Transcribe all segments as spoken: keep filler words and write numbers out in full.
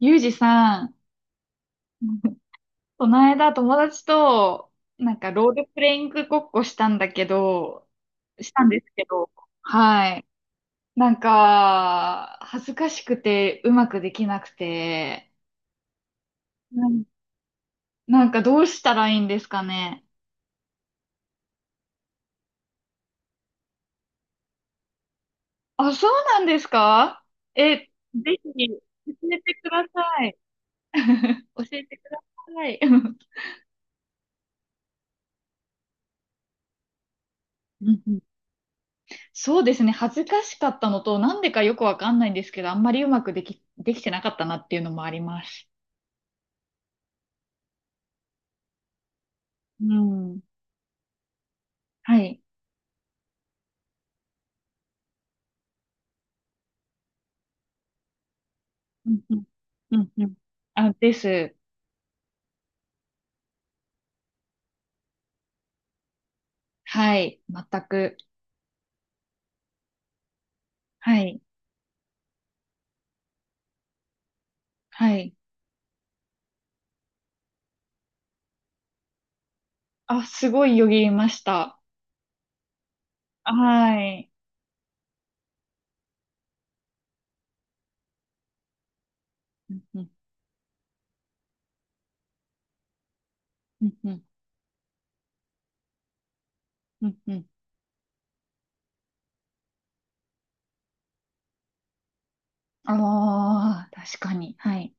ゆうじさん、この間友達と、なんかロールプレイングごっこしたんだけど、したんですけど、はい。なんか、恥ずかしくてうまくできなくて、なんなんかどうしたらいいんですかね。あ、そうなんですか？え、ぜひ、教えてください。教えてください。うんうん。そうですね。恥ずかしかったのと、なんでかよくわかんないんですけど、あんまりうまくでき、できてなかったなっていうのもあります。うん。はい。うんうん。うんうん。あ、です。はい。全く。はい。はい。あ、すごいよぎりました。はい。うんうん。うんうん。うんうん。ああ、確かに。はい。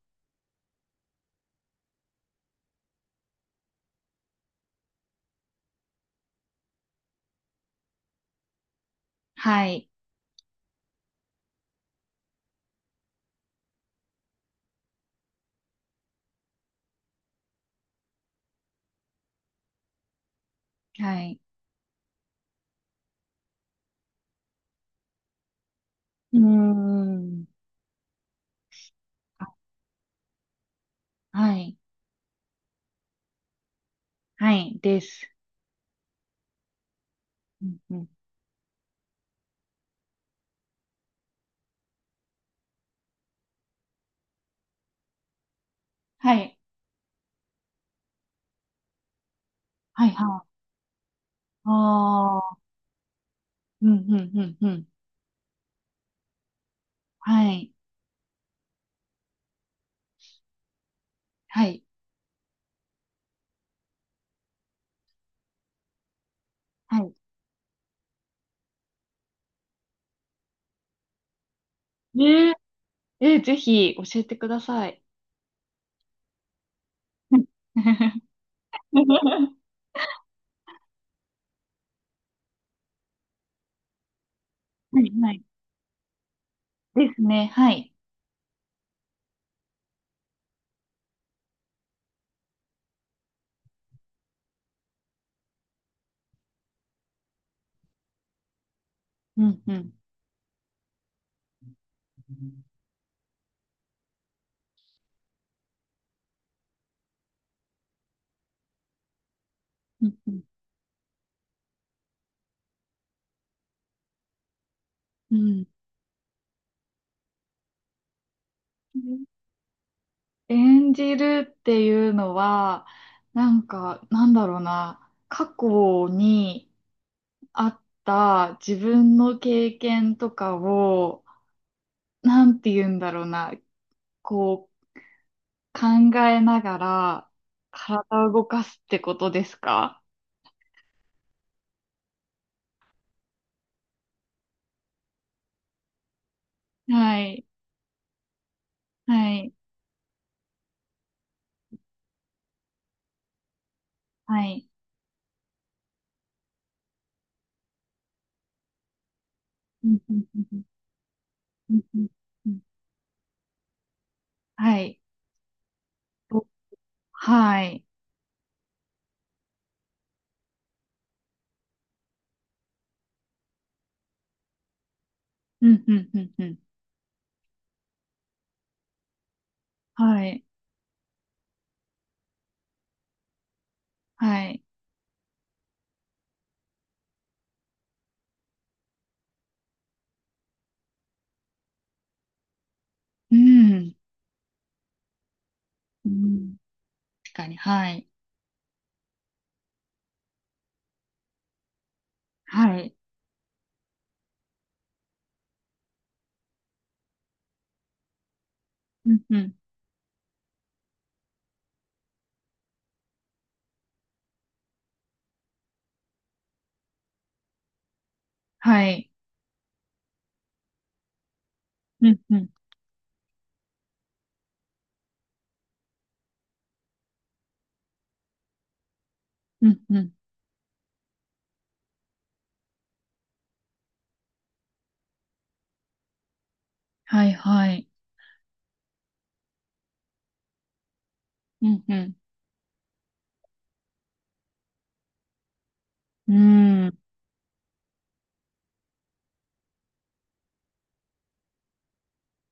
はい。はい。うーん。あ、はい。はい。です。うんうん。はい。はい。はい。ああ。うん、うん、うん、うん。はい、はい、はい。ねえ、えー、ぜひ教えてください。うん。 はい、はい。ですね、はい。うん、うん。うん、うん。うん。演じるっていうのは、なんか、なんだろうな、過去にあった自分の経験とかを、なんて言うんだろうな、こう、考えながら体を動かすってことですか？はい。はい。はい。うんうんうんうんうんうん。はい。お、はい。うんうんうんうん。はい。はい。うん。うん。確かに。はい。はい。うんうん。はい。うんうんうんうん。はい。はい。うんうん。うん。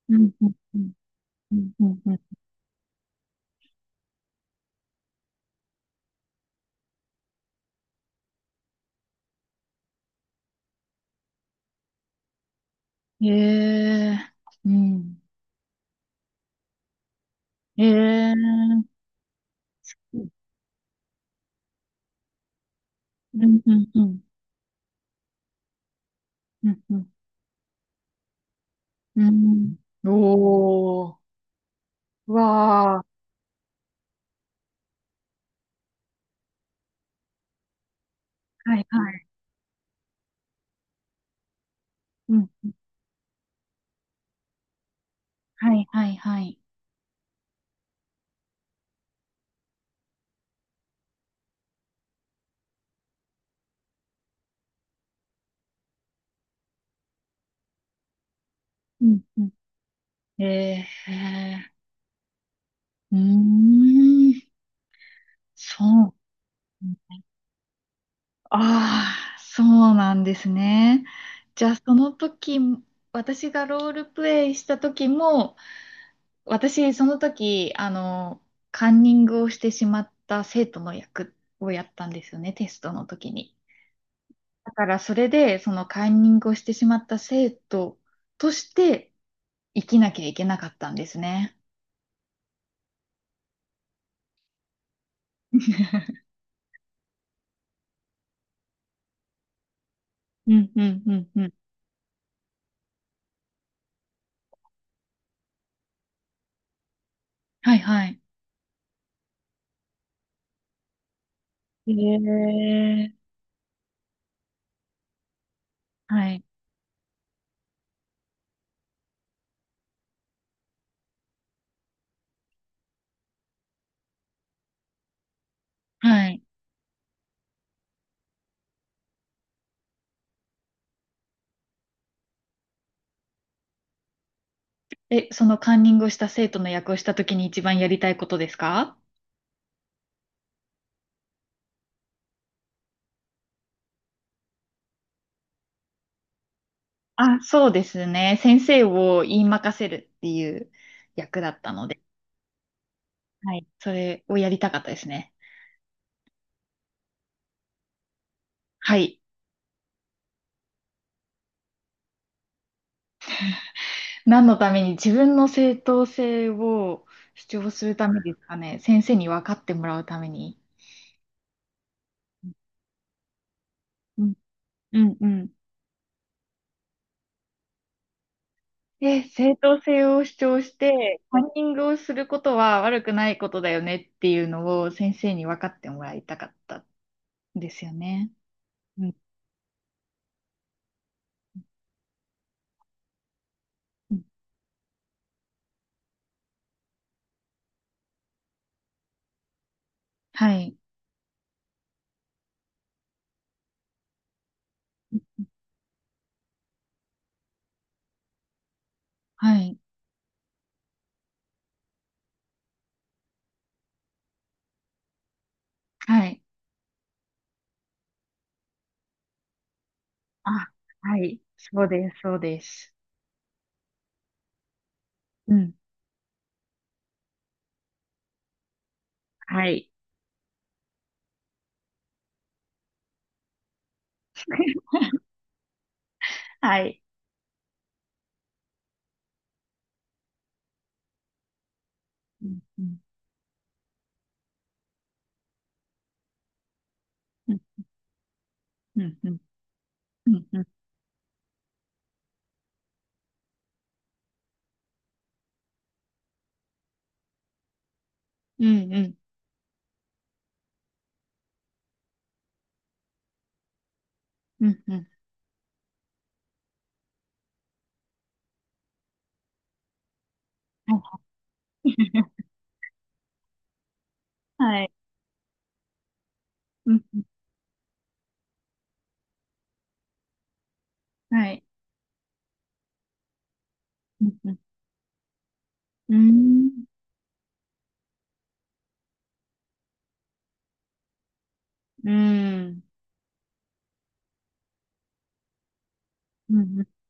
うんうんうんうんうんうん。ええ。うん。ええ。うんうんうん。うん、うん、うん。おー、うわー。はいはい、うん、はいはいはい、うん、うん。えー、うーん、そう、ああ、そうなんですね。じゃあ、その時、私がロールプレイした時も、私、その時、あの、カンニングをしてしまった生徒の役をやったんですよね、テストの時に。だからそれで、そのカンニングをしてしまった生徒として生きなきゃいけなかったんですね。うんうんうんうん。はいはい。へえ。はい。はい。え、そのカンニングをした生徒の役をしたときに一番やりたいことですか？あ、そうですね。先生を言い任せるっていう役だったので、はい。それをやりたかったですね。はい。何のために自分の正当性を主張するためですかね。先生に分かってもらうために。うん、うん、うん。で、正当性を主張して、カンニングをすることは悪くないことだよねっていうのを先生に分かってもらいたかったんですよね。うん、うん。はい。はい。はい。あ、はい。そうです。そうです。うん、はい。はい。うん、うん、うん、うん、うん、うん、うん、うん、うん、うん。はい。うん、うん。はい。うん、うん。うん。うん。うん。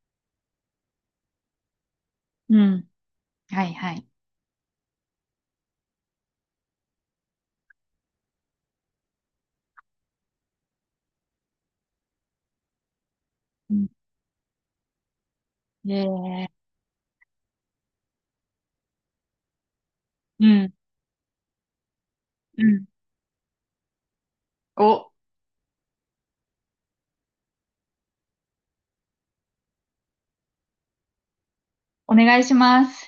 うん。はい、はい。うん。えー、うん。うん。お、お願いします。